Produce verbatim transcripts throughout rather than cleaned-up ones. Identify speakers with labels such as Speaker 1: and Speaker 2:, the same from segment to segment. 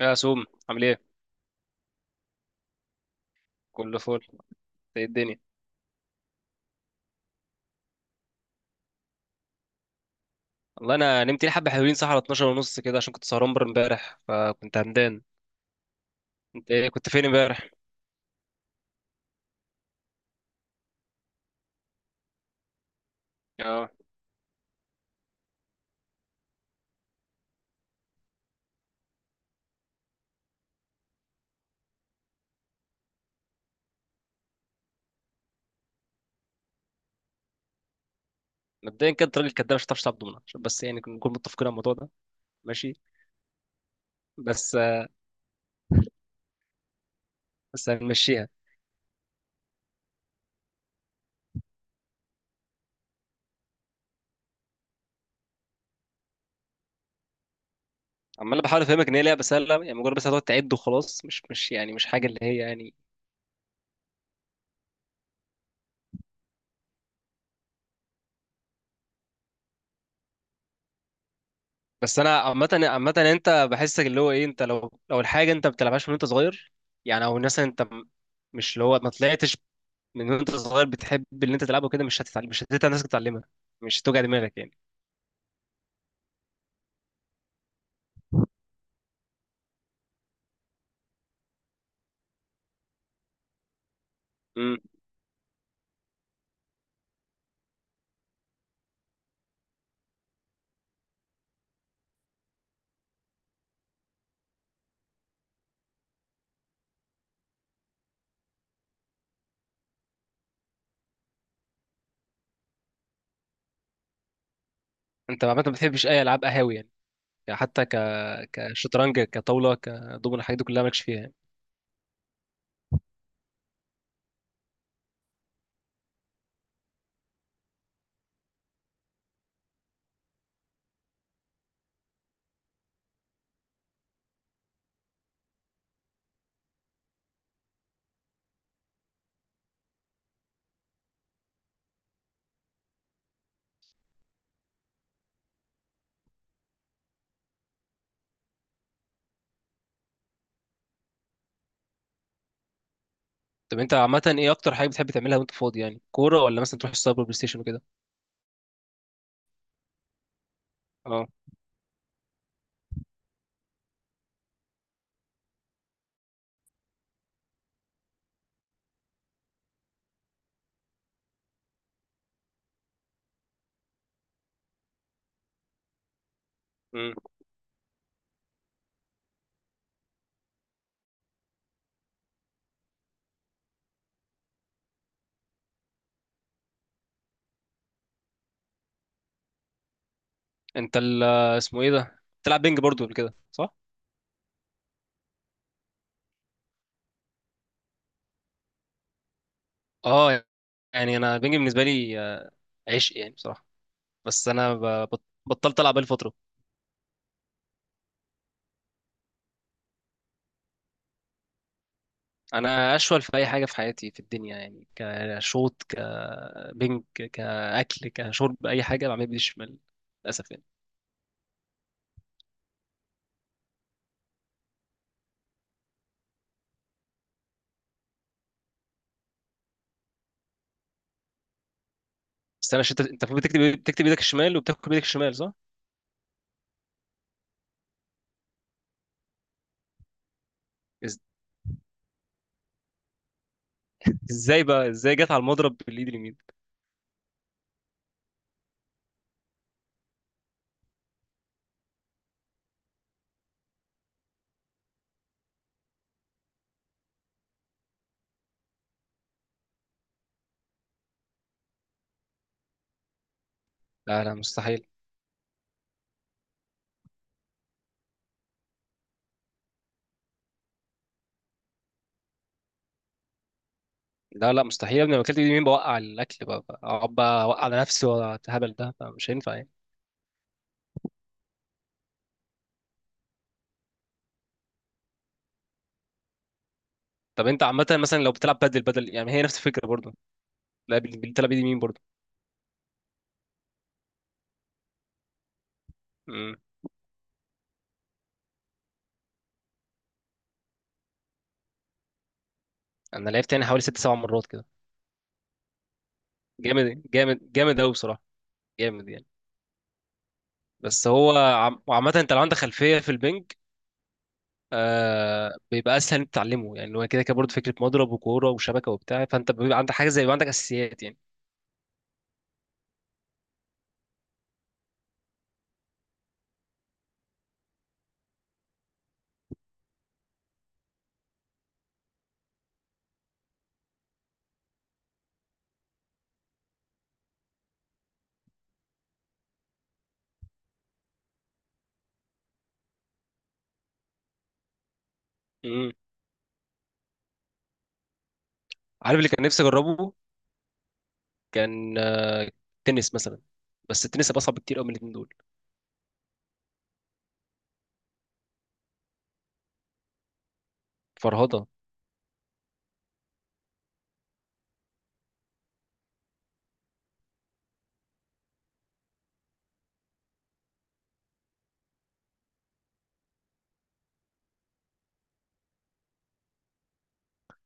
Speaker 1: يا سوم، عامل ايه؟ كله فل. إنت ايه الدنيا؟ والله انا نمت لي حبه حلوين، صح، على اثنا عشر ونص كده عشان كنت سهران بره امبارح، فكنت همدان. انت ايه، كنت فين امبارح؟ اه، مبدئيا كده الراجل الكداب مش هتعرف تلعب دومنه، عشان بس يعني نكون متفقين على الموضوع ده. ماشي. بس بس هنمشيها. عمال بحاول افهمك ان هي لعبه سهله، يعني مجرد بس هتقعد تعد وخلاص، مش مش يعني مش حاجه اللي هي يعني. بس انا عامه عامه انت بحسك اللي هو ايه، انت لو لو الحاجه انت ما بتلعبهاش من وانت صغير، يعني، او مثلا انت م- مش اللي هو ما طلعتش من وانت صغير بتحب اللي انت تلعبه كده، مش هتتعلم مش هتتعلم نفسك تتعلمها. مش هتوجع دماغك يعني. امم. انت عامه ما بتحبش اي العاب قهاوي يعني؟ يعني حتى ك كشطرنج كطاوله كدومينو، الحاجات دي كلها مالكش فيها يعني. طب انت عامه ايه اكتر حاجه بتحب تعملها وانت فاضي؟ يعني كوره، ولا مثلا تروح السايبر بلاي ستيشن وكده؟ اه. امم. انت ال اسمه ايه ده، بتلعب بينج برضو قبل كده صح؟ اه. يعني انا البينج بالنسبه لي آه، عشق يعني بصراحه. بس انا ب- بط- بطلت العب بقالي فتره. انا اشول في اي حاجه في حياتي في الدنيا، يعني كشوط كبنك كاكل كشرب، اي حاجه بعمل بايدي الشمال للاسف يعني. بس انا شت... انت المفروض بتكتب، بتكتب ايدك الشمال وبتاكل بايدك الشمال صح؟ إز... ازاي بقى ازاي جت على المضرب بالايد اليمين؟ لا، لا، مستحيل. لا، لا، مستحيل يا ابني. لو اكلت بايدي اليمين بوقع الاكل، بقى بقى- اقعد بقى اوقع على نفسي، والهبل ده مش هينفع يعني. طب انت عامه مثلا لو بتلعب بدل بدل يعني هي نفس الفكره برضه؟ لا، بال- بتلعب بايد اليمين برضه. امم. انا لعبت يعني حوالي ست سبع مرات كده. جامد جامد جامد قوي بصراحه، جامد يعني. بس هو عم... وعامة انت لو عندك خلفية في البنج، آه بيبقى اسهل انت تتعلمه، يعني هو كده كده برضه فكرة مضرب وكورة وشبكة وبتاع، فانت بيبقى عندك حاجة، زي بيبقى عندك اساسيات يعني. امم. عارف اللي كان نفسي اجربه؟ كان آه، تنس مثلا. بس التنس هيبقى اصعب بكتير قوي من الاتنين دول. فرهضة.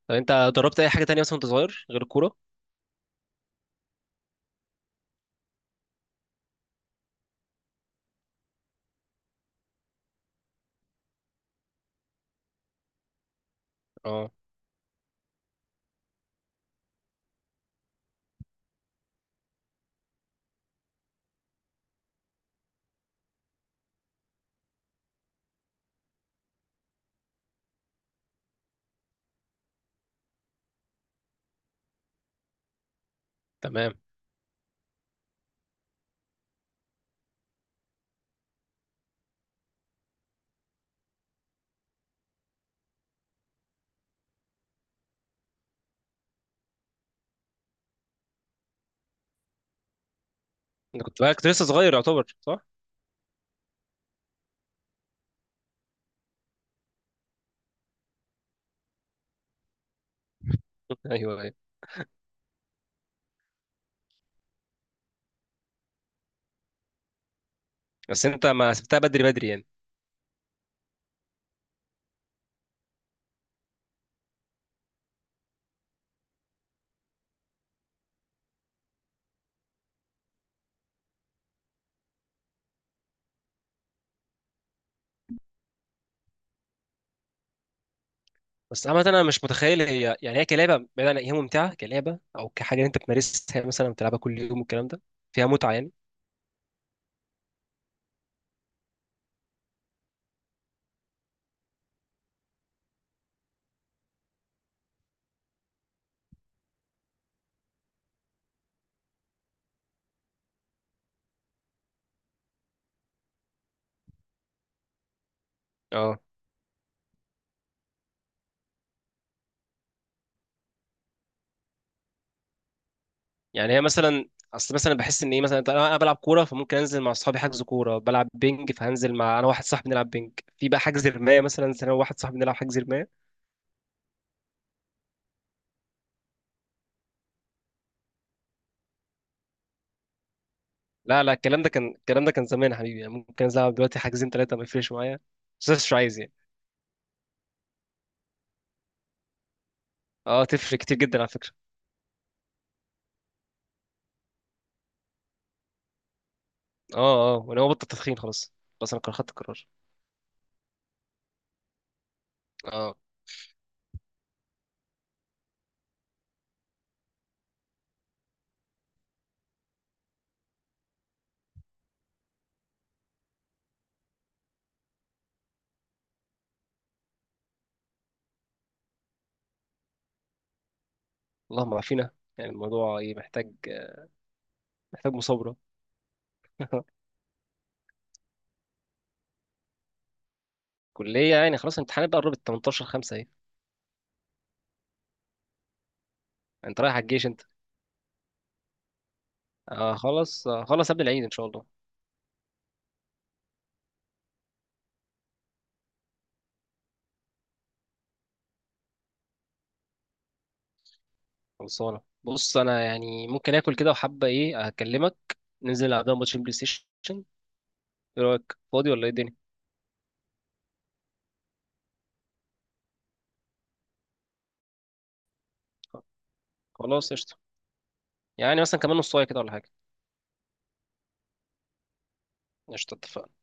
Speaker 1: طب انت جربت اي حاجة تانية مثلا وانت صغير غير الكورة؟ اه. تمام. انت كنت بقى كنت لسه صغير يعتبر صح؟ ايوه، ايوه. بس انت ما سبتها بدري بدري يعني. بس عامة أنا مش متخيل، هي يعني هي كلعبة، بعيدا عن هي ممتعة كلعبة أو كحاجة أنت بتمارسها مثلا، بتلعبها كل يوم والكلام ده، فيها متعة يعني؟ أه. يعني هي مثلا، أصل مثلا بحس إن إيه، مثلا أنا أنا بلعب كورة، فممكن أنزل مع أصحابي حجز كورة، بلعب بينج فهنزل مع أنا واحد صاحبي نلعب بينج. في بقى حجز رماية مثلا، أنزل أنا وواحد صاحبي نلعب حجز رماية. لا، لا، الكلام ده كان، الكلام ده كان زمان يا حبيبي. يعني ممكن أنزل ألعب دلوقتي حاجزين تلاتة، ما يفرقش معايا. بس أنا مش عايز يعني. أه، تفرق كتير جدا على فكرة. أه، أه، وأنا هو بطل تدخين خلاص. خلاص أنا خدت القرار. اه. اللهم عافينا. يعني الموضوع ايه محتاج. محتاج مصابرة. كلية يعني خلاص الامتحانات بقى قربت، تمنتاشر خمسة اهي. انت رايح على الجيش انت؟ آه خلاص، آه خلاص، قبل العيد ان شاء الله. خلصانة. بص انا يعني ممكن اكل كده، وحابة ايه هكلمك. ننزل نلعب لنا ماتش بلاي ستيشن. ايه رأيك، فاضي ولا ايه الدنيا؟ خلاص قشطة. يعني مثلا كمان نص ساعة كده ولا حاجة. قشطة، اتفقنا.